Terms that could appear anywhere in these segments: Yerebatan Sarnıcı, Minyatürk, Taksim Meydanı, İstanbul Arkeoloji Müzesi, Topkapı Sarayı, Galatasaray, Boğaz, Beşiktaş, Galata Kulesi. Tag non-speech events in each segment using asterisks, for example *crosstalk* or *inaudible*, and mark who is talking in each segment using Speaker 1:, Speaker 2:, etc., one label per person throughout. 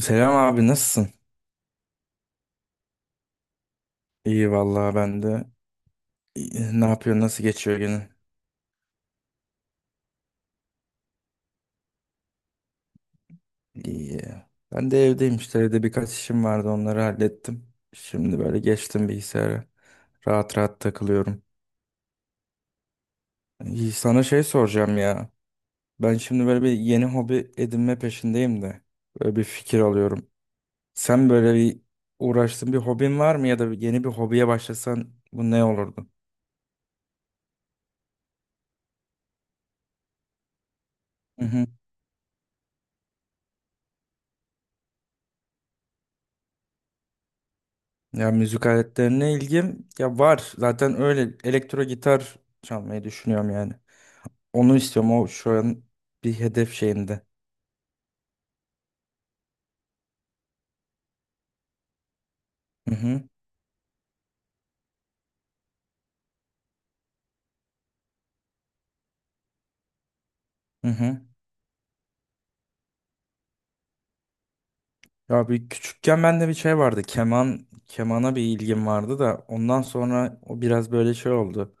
Speaker 1: Selam abi, nasılsın? İyi vallahi, ben de. İyi, ne yapıyor, nasıl geçiyor günün? İyi. Ben de evdeyim işte, evde birkaç işim vardı, onları hallettim. Şimdi böyle geçtim bilgisayara. Rahat rahat takılıyorum. İyi, sana şey soracağım ya. Ben şimdi böyle bir yeni hobi edinme peşindeyim de. Böyle bir fikir alıyorum. Sen böyle bir uğraştığın bir hobin var mı, ya da yeni bir hobiye başlasan bu ne olurdu? Ya müzik aletlerine ilgim ya var. Zaten öyle elektro gitar çalmayı düşünüyorum yani. Onu istiyorum. O şu an bir hedef şeyimde. Hı hı. Hı hı. Ya bir küçükken bende bir şey vardı. Keman, kemana bir ilgim vardı da, ondan sonra o biraz böyle şey oldu.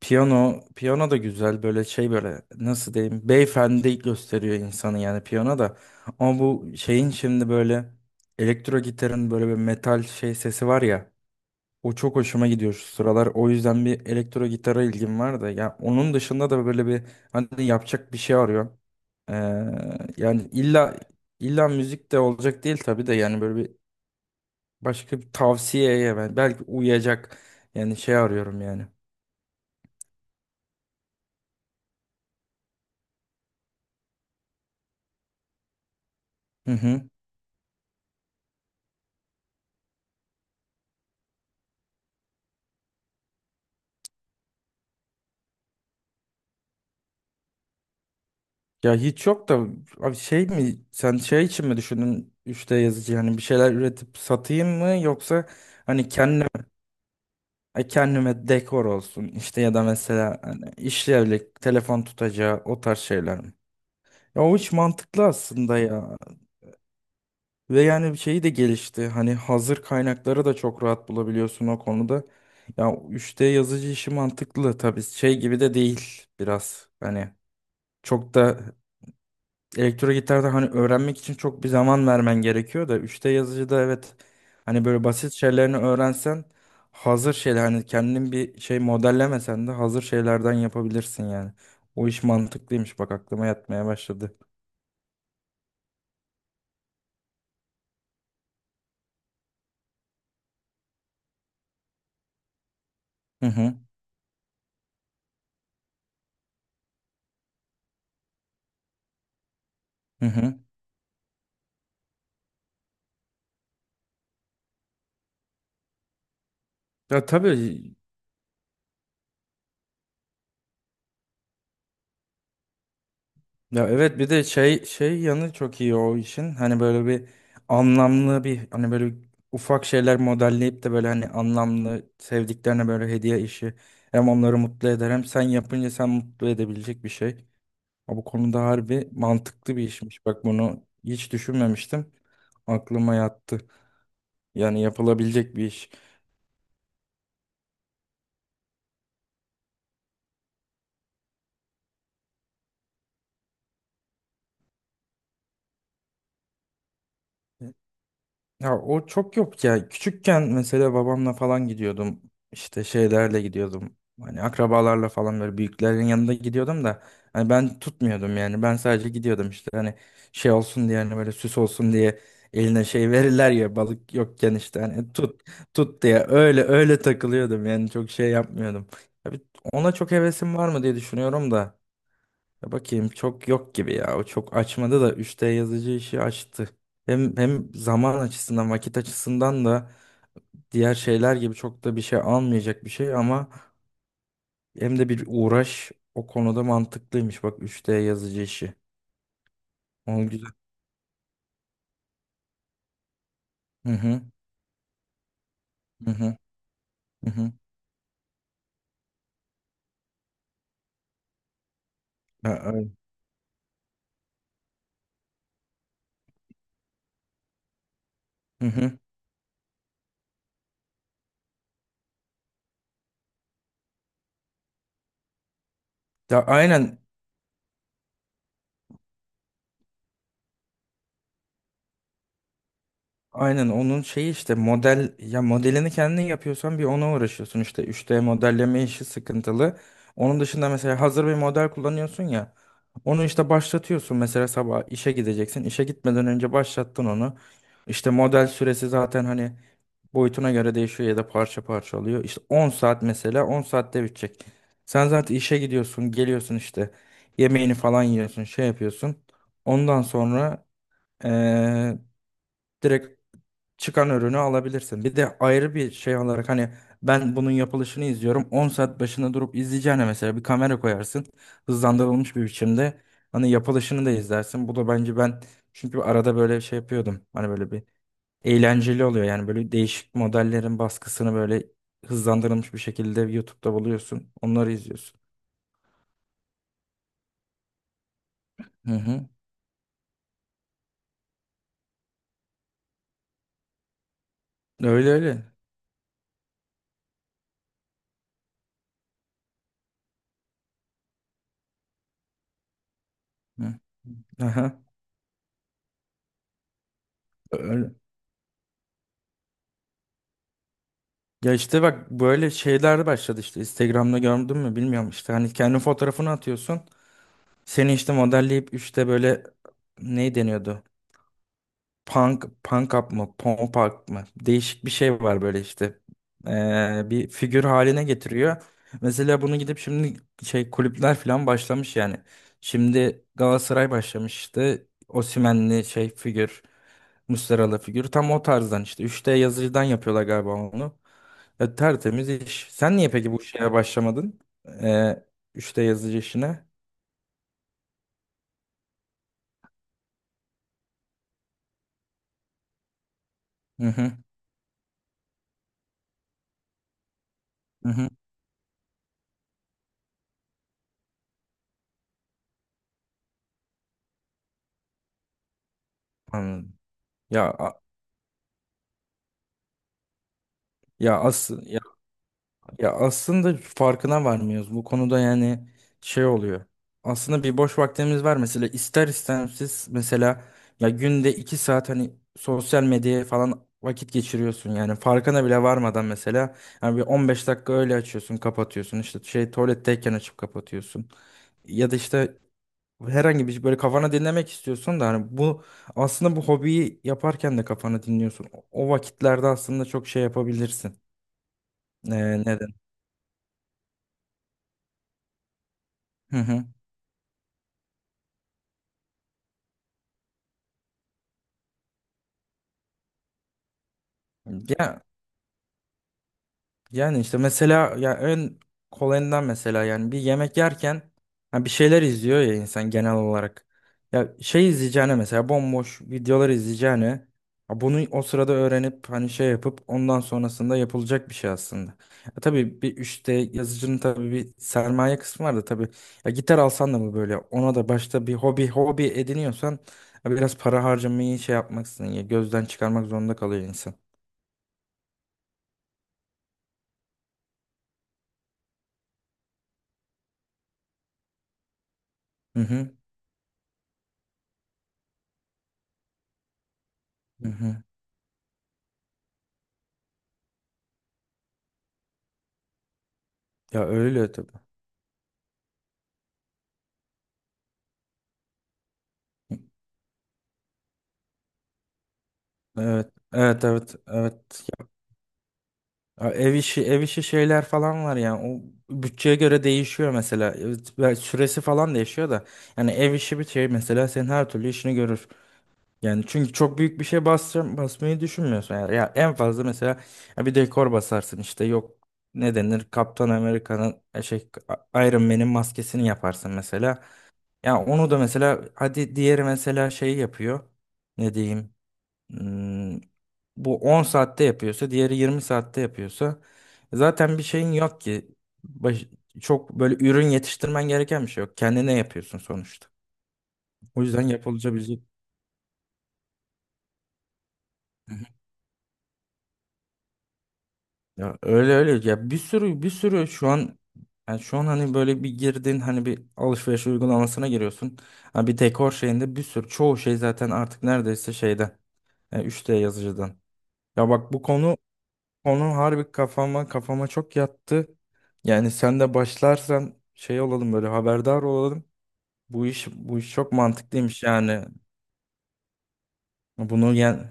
Speaker 1: Piyano, piyano da güzel, böyle şey, böyle nasıl diyeyim, beyefendi gösteriyor insanı yani piyano da. Ama bu şeyin şimdi böyle elektro gitarın böyle bir metal şey sesi var ya. O çok hoşuma gidiyor şu sıralar. O yüzden bir elektro gitara ilgim var da. Ya onun dışında da böyle bir hani yapacak bir şey arıyorum. Ee, yani illa illa müzik de olacak değil tabii de, yani böyle bir başka bir tavsiyeye ben belki uyacak, yani şey arıyorum yani. Hı hı. Ya hiç yok da, abi şey mi, sen şey için mi düşündün 3D yazıcı, yani bir şeyler üretip satayım mı, yoksa hani kendi, ay, kendime dekor olsun işte, ya da mesela hani işlevlik telefon tutacağı, o tarz şeyler mi? Ya o hiç mantıklı aslında ya. Ve yani bir şeyi de gelişti. Hani hazır kaynakları da çok rahat bulabiliyorsun o konuda. Ya 3D yazıcı işi mantıklı tabii, şey gibi de değil biraz. Hani çok da elektro gitarda hani öğrenmek için çok bir zaman vermen gerekiyor da, üçte d yazıcıda, evet, hani böyle basit şeylerini öğrensen, hazır şeyler, hani kendin bir şey modellemesen de hazır şeylerden yapabilirsin yani. O iş mantıklıymış, bak aklıma yatmaya başladı. Hı hı, hı hı. Ya tabii. Ya evet, bir de şey yanı çok iyi o işin. Hani böyle bir anlamlı bir, hani böyle ufak şeyler modelleyip de, böyle hani anlamlı sevdiklerine böyle hediye işi. Hem onları mutlu eder, hem sen yapınca sen mutlu edebilecek bir şey. Ama bu konuda harbi mantıklı bir işmiş. Bak, bunu hiç düşünmemiştim. Aklıma yattı. Yani yapılabilecek bir iş. Ya o çok yok ya. Küçükken mesela babamla falan gidiyordum. İşte şeylerle gidiyordum. Hani akrabalarla falan, böyle büyüklerin yanında gidiyordum da, hani ben tutmuyordum yani. Ben sadece gidiyordum işte, hani şey olsun diye, hani böyle süs olsun diye eline şey verirler ya, balık yokken işte hani tut tut diye, öyle öyle takılıyordum yani, çok şey yapmıyordum. Tabii ona çok hevesim var mı diye düşünüyorum da. Ya bakayım, çok yok gibi ya. O çok açmadı da, 3D yazıcı işi açtı. Hem zaman açısından, vakit açısından da diğer şeyler gibi çok da bir şey almayacak bir şey, ama hem de bir uğraş, o konuda mantıklıymış. Bak, 3D yazıcı işi. Onu güzel. Hı hı. Hı hı. Hı hı. Hı hı. Ya, ay- hı hı. Ya aynen. Aynen onun şeyi işte, model, ya modelini kendin yapıyorsan bir ona uğraşıyorsun işte, 3D modelleme işi sıkıntılı. Onun dışında mesela hazır bir model kullanıyorsun, ya onu işte başlatıyorsun, mesela sabah işe gideceksin, işe gitmeden önce başlattın onu. İşte model süresi zaten hani boyutuna göre değişiyor, ya da parça parça oluyor. İşte 10 saat mesela, 10 saatte bitecek. Sen zaten işe gidiyorsun, geliyorsun işte, yemeğini falan yiyorsun, şey yapıyorsun. Ondan sonra eee direkt çıkan ürünü alabilirsin. Bir de ayrı bir şey olarak, hani ben bunun yapılışını izliyorum. 10 saat başına durup izleyeceğine, mesela bir kamera koyarsın. Hızlandırılmış bir biçimde hani yapılışını da izlersin. Bu da bence ben, çünkü arada böyle şey yapıyordum. Hani böyle bir eğlenceli oluyor. Yani böyle değişik modellerin baskısını böyle hızlandırılmış bir şekilde YouTube'da buluyorsun. Onları izliyorsun. Hı hı. Öyle öyle. Hı. Aha. Öyle. Ya işte bak, böyle şeyler başladı işte, Instagram'da gördün mü bilmiyorum, işte hani kendi fotoğrafını atıyorsun. Seni işte modelleyip, işte böyle ne deniyordu? Punk, punk up mı? Pump up mı? Değişik bir şey var böyle işte. Bir figür haline getiriyor. Mesela bunu gidip şimdi şey kulüpler falan başlamış yani. Şimdi Galatasaray başlamış işte. Osimhen'li şey figür. Muslera'lı figür. Tam o tarzdan işte. 3D yazıcıdan yapıyorlar galiba onu. E, tertemiz iş. Sen niye peki bu şeye başlamadın? E, 3 yazıcı işine. Hı hı, hı hı. Anladım. Ya a- ya aslında ya, ya aslında farkına varmıyoruz. Bu konuda yani şey oluyor. Aslında bir boş vaktimiz var mesela, ister istemsiz mesela, ya günde 2 saat hani sosyal medyaya falan vakit geçiriyorsun yani, farkına bile varmadan mesela, yani bir 15 dakika öyle açıyorsun, kapatıyorsun işte, şey tuvaletteyken açıp kapatıyorsun, ya da işte herhangi bir şey, böyle kafana dinlemek istiyorsun da, hani bu aslında bu hobiyi yaparken de kafana dinliyorsun. O o vakitlerde aslında çok şey yapabilirsin. Neden? Hı hı. Ya, yani işte mesela ya en kolayından, mesela yani bir yemek yerken ha bir şeyler izliyor ya insan genel olarak. Ya şey izleyeceğine, mesela bomboş videolar izleyeceğine, ha bunu o sırada öğrenip hani şey yapıp, ondan sonrasında yapılacak bir şey aslında. Ya tabii bir, işte yazıcının tabii bir sermaye kısmı var da tabii, ya gitar alsan da mı böyle, ona da başta bir hobi ediniyorsan ya biraz para harcamayı şey yapmaksın ya, gözden çıkarmak zorunda kalıyor insan. Hı hı. Hı hı. Ya öyle tabii. Evet, evet, evet, evet. Ya, ev işi, ev işi şeyler falan var yani. O bütçeye göre değişiyor mesela. Evet, ve süresi falan değişiyor da. Yani ev işi bir şey mesela senin her türlü işini görür. Yani çünkü çok büyük bir şey basacağım, basmayı düşünmüyorsun yani. Ya en fazla mesela ya bir dekor basarsın işte, yok ne denir, Kaptan Amerika'nın, şey, Iron Man'in maskesini yaparsın mesela. Ya onu da mesela, hadi diğeri mesela şey yapıyor. Ne diyeyim? Hmm, bu 10 saatte yapıyorsa, diğeri 20 saatte yapıyorsa zaten bir şeyin yok ki. Baş- çok böyle ürün yetiştirmen gereken bir şey yok. Kendine yapıyorsun sonuçta. O yüzden yapılabilecek, ya öyle öyle, ya bir sürü bir sürü şu an, yani şu an hani böyle bir girdin, hani bir alışveriş uygulamasına giriyorsun. Ha bir dekor şeyinde bir sürü, çoğu şey zaten artık neredeyse şeyden. Yani 3D yazıcıdan. Ya bak bu konu, konu harbi kafama çok yattı. Yani sen de başlarsan şey olalım, böyle haberdar olalım. Bu iş, bu iş çok mantıklıymış yani. Bunu yani,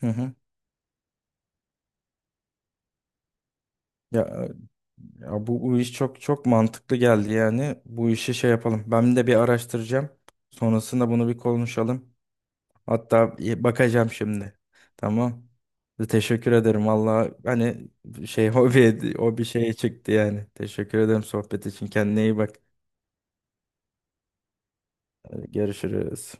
Speaker 1: hı hı. Ya, ya bu, bu iş çok çok mantıklı geldi yani. Bu işi şey yapalım. Ben de bir araştıracağım. Sonrasında bunu bir konuşalım. Hatta bakacağım şimdi. Tamam. Teşekkür ederim. Valla hani şey *laughs* hobi o bir şeye çıktı yani. Teşekkür ederim sohbet için. Kendine iyi bak. Hadi görüşürüz.